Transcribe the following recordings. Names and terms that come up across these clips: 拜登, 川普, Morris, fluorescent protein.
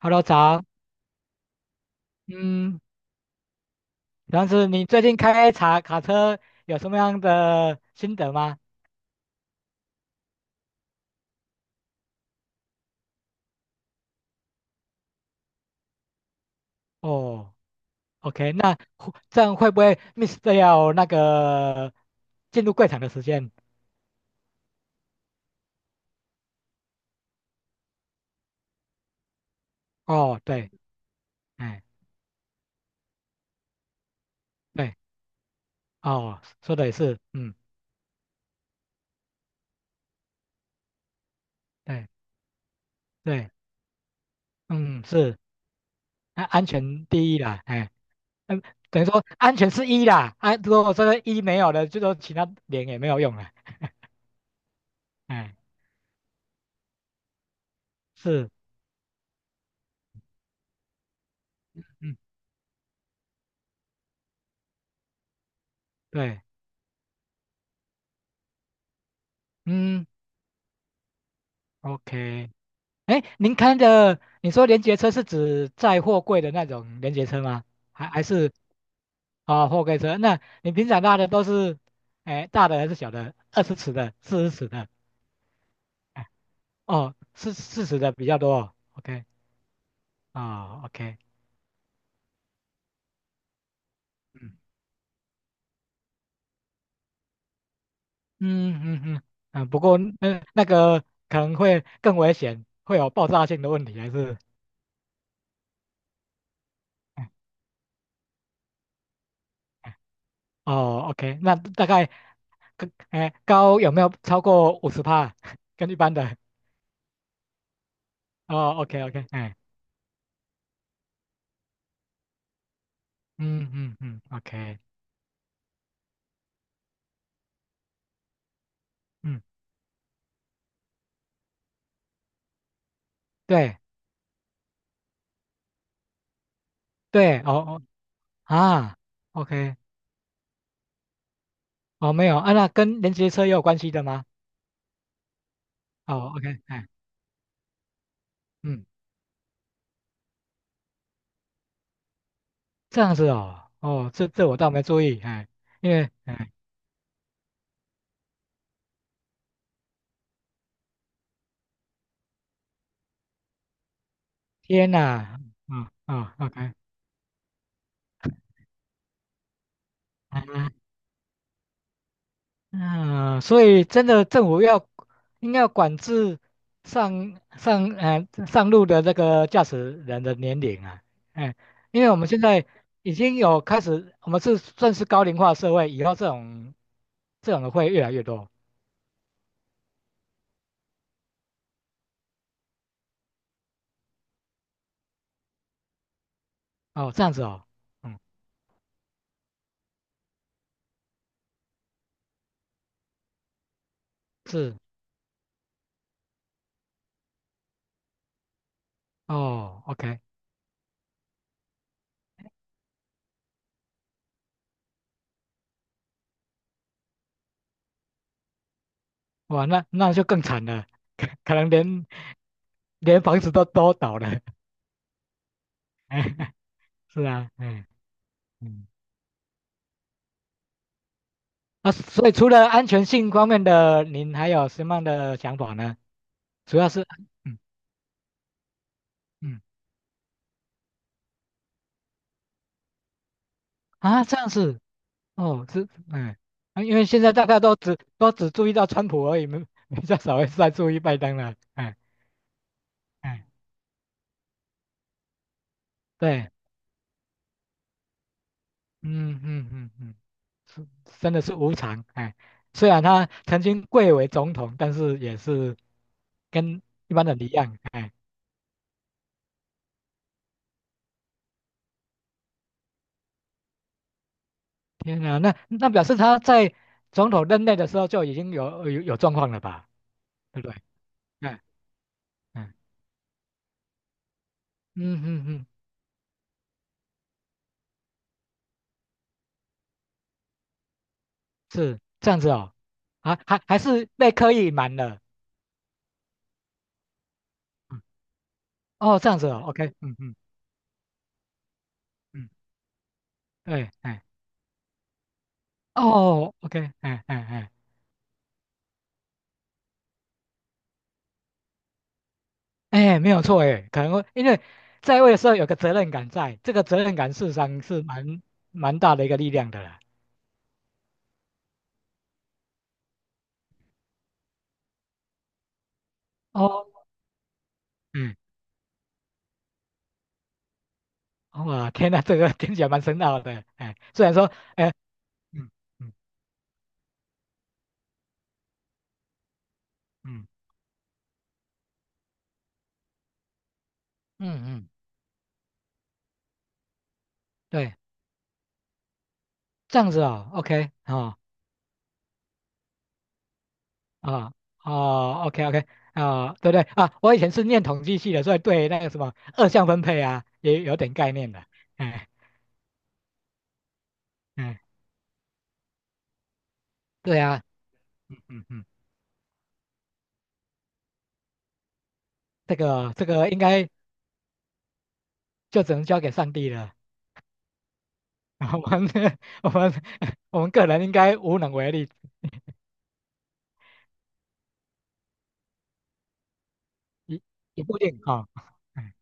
Hello，早，嗯，然后你最近开卡车有什么样的心得吗？哦，OK，那会这样会不会 miss 掉那个进入柜场的时间？哦，对，哎，对，哦，说的也是，嗯，对对，嗯，是，那安全第一啦，哎，嗯，等于说安全是一啦，如果这个一没有了，就说其他点也没有用了，哎，是，嗯，对，嗯，OK。哎，您开的，你说连接车是指载货柜的那种连接车吗？还是啊、货柜车？那你平常拉的都是，哎，大的还是小的？20尺的、40尺的？哎，哦，四十的比较多哦。OK，啊、OK，嗯嗯嗯嗯嗯，不过那个可能会更危险，会有爆炸性的问题，还是？哎哦，OK，那大概高有没有超过50帕？跟一般的哦，OK OK，哎。嗯嗯嗯，OK，嗯，对对，哦哦啊，OK，哦没有啊，那跟连接车也有关系的吗？哦，OK，哎，嗯，这样子哦，哦，这这我倒没注意，哎，因为哎，天哪，啊啊 o k 啊嗯，所以真的政府要应该要管制上路的那个驾驶人的年龄啊，哎，因为我们现在已经有开始，我们是算是高龄化社会，以后这种的会越来越多哦，这样子哦，嗯，是哦，OK，哇，那那就更惨了，可能连房子都倒了，是啊，嗯嗯，啊，所以除了安全性方面的，您还有什么样的想法呢？主要是，嗯嗯啊，这样子哦，是哎啊，因为现在大家都只注意到川普而已，没比较少会再注意拜登了，哎哎，对，嗯嗯嗯嗯，是真的是无常，哎，虽然他曾经贵为总统，但是也是跟一般人一样，哎，天哪，那那表示他在总统任内的时候就已经有状况了吧，对不对？哎哎嗯嗯嗯是这样子哦，啊，还还是被刻意隐瞒了，嗯，哦，这样子哦，OK，嗯嗯嗯，对，哎，哦，OK，哎哎哎，哎，没有错，哎，可能会因为在位的时候有个责任感在，这个责任感事实上是蛮大的一个力量的啦。哦，嗯，哇，天呐，这个听起来蛮深奥的，哎，虽然说，哎，嗯嗯嗯嗯嗯，对，这样子哦，OK，哦啊哦，OK OK 啊，对对啊，我以前是念统计系的，所以对那个什么二项分配啊也有点概念的。哎哎，对啊，嗯嗯嗯，这个应该就只能交给上帝了。我们我们我们个人应该无能为力，一不一定啊。哎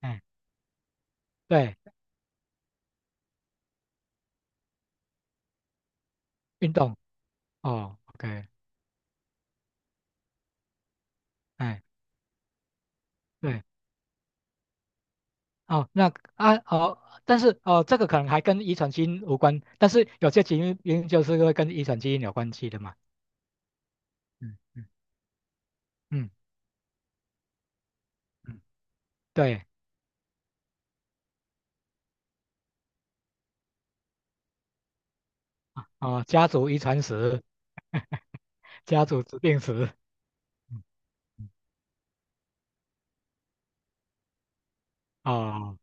哎，对，运动哦，OK，哎对哦，那啊哦，但是哦，这个可能还跟遗传基因无关，但是有些基因就是会跟遗传基因有关系的嘛。嗯嗯嗯嗯，对啊、家族遗传史，家族疾病史，嗯嗯哦，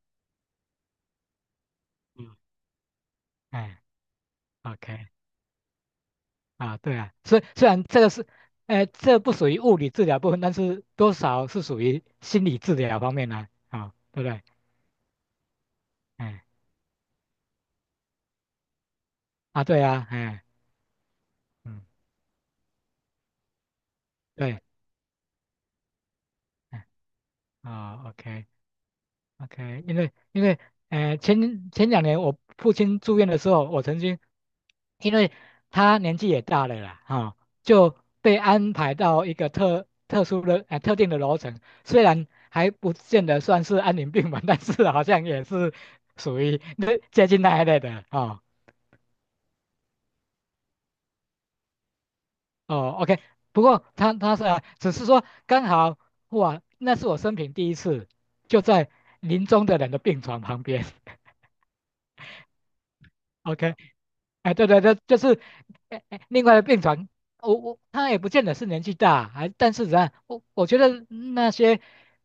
嗯，哎，OK 啊，对啊，虽虽然这个是，哎、这不属于物理治疗部分，但是多少是属于心理治疗方面呢、啊，对不对？哎，啊，对啊，哎，嗯，对，哎，啊，OK、o k OK，因为因为前2年我父亲住院的时候，我曾经因为他年纪也大了啦，哈、就被安排到一个特定的楼层，虽然还不见得算是安宁病房，但是好像也是属于那接近那一类的啊。哦，OK，不过他他是啊只是说刚好哇，那是我生平第一次就在临终的人的病床旁边 ，OK。哎，对对对，就是哎哎另外的病床，我我他也不见得是年纪大，还但是啊，我我觉得那些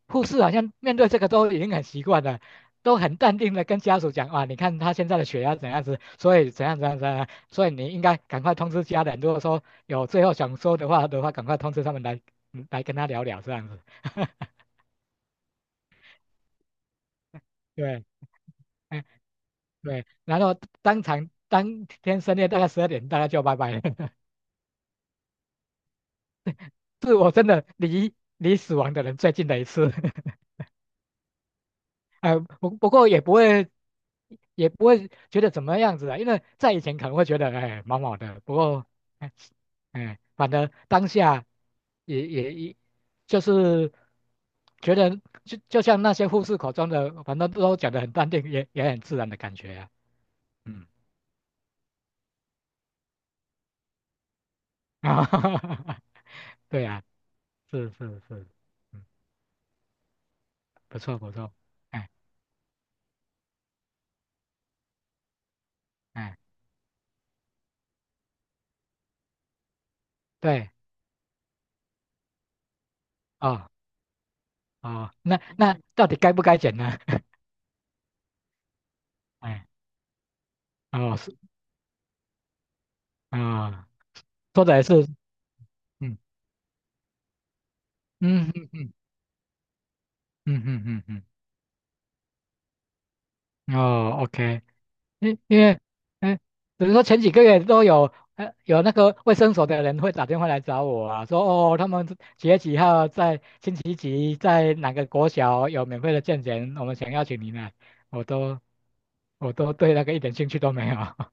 护士好像面对这个都已经很习惯了，都很淡定的跟家属讲啊，你看他现在的血压怎样子，所以怎样怎样怎样，所以你应该赶快通知家人，如果说有最后想说的话的话，赶快通知他们来嗯来跟他聊聊这样子。对，哎对，然后当场当天深夜大概12点，大概就拜拜了。是我真的离死亡的人最近的一次，呃，不不过也不会，也不会觉得怎么样子啊，因为在以前可能会觉得哎毛毛的，不过哎哎，反正当下也就是觉得就像那些护士口中的，反正都讲得很淡定，也也很自然的感觉啊，嗯，啊，对啊，是是是，嗯，不错不错，哎哎，对啊。哦哦，那那到底该不该剪呢？哎，哦是啊、说的也是，嗯嗯嗯嗯嗯嗯嗯嗯，哦，OK，因因为，嗯，比如说前几个月都有，有那个卫生所的人会打电话来找我啊，说哦，他们几月几号在星期几在哪个国小有免费的健检，我们想邀请您来，我都我都对那个一点兴趣都没有，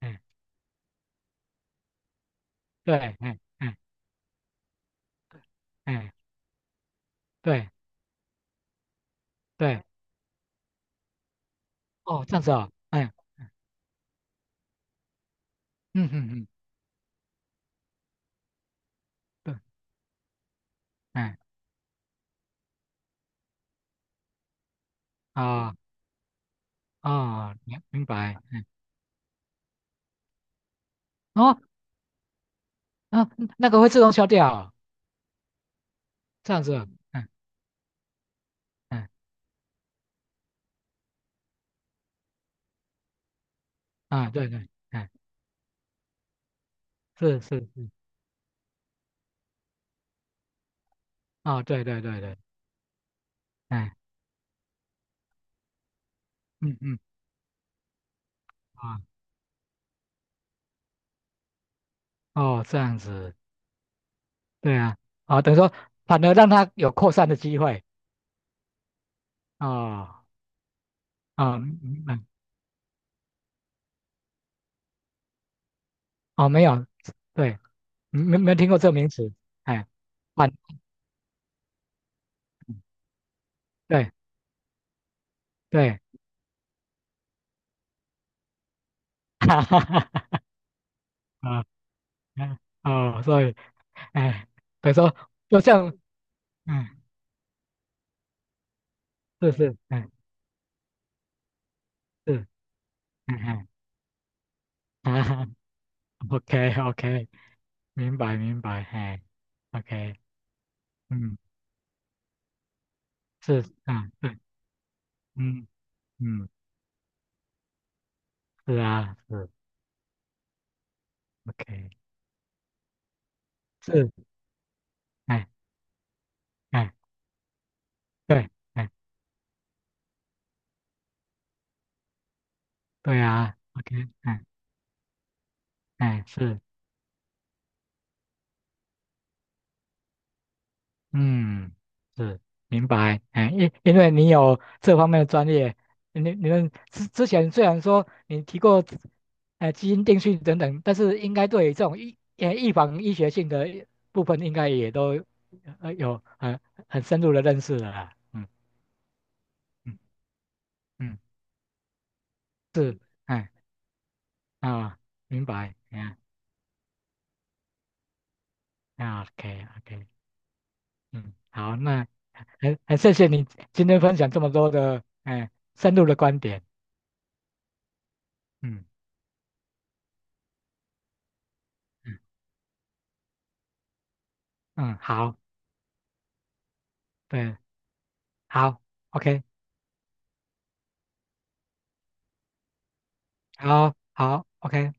嗯，对，嗯嗯嗯，对对，哦，这样子哦，嗯嗯嗯嗯。对哎，啊啊，明明白，嗯，哦，啊，那个会自动消掉哦这样子哦嗯嗯啊，对对，嗯，是是是，哦，对对对对，哎，嗯嗯啊，哦，这样子，对啊，啊，等于说反而让它有扩散的机会，哦，啊，嗯嗯，哦，没有，对，没没听过这个名词，哎，反，对对，哈哈哈，啊，嗯哦，所以，哎，等于说就像。嗯是是，哎，是，嗯哼，啊哈，OK OK，明白明白，嘿 o k 嗯，是，啊，对，嗯嗯，是啊，是，OK，是，哎哎，对，哎对啊，OK，哎哎是。嗯，是明白，哎，因因为你有这方面的专业，你们之前虽然说你提过，哎，基因定序等等，但是应该对于这种预防医学性的部分，应该也都有很深入的认识了啦，嗯嗯嗯，是，哎啊，明白，哎啊，OK OK，嗯，好，那很谢谢你今天分享这么多的哎深入的观点，嗯嗯嗯，好。对，好，OK，好，好，OK。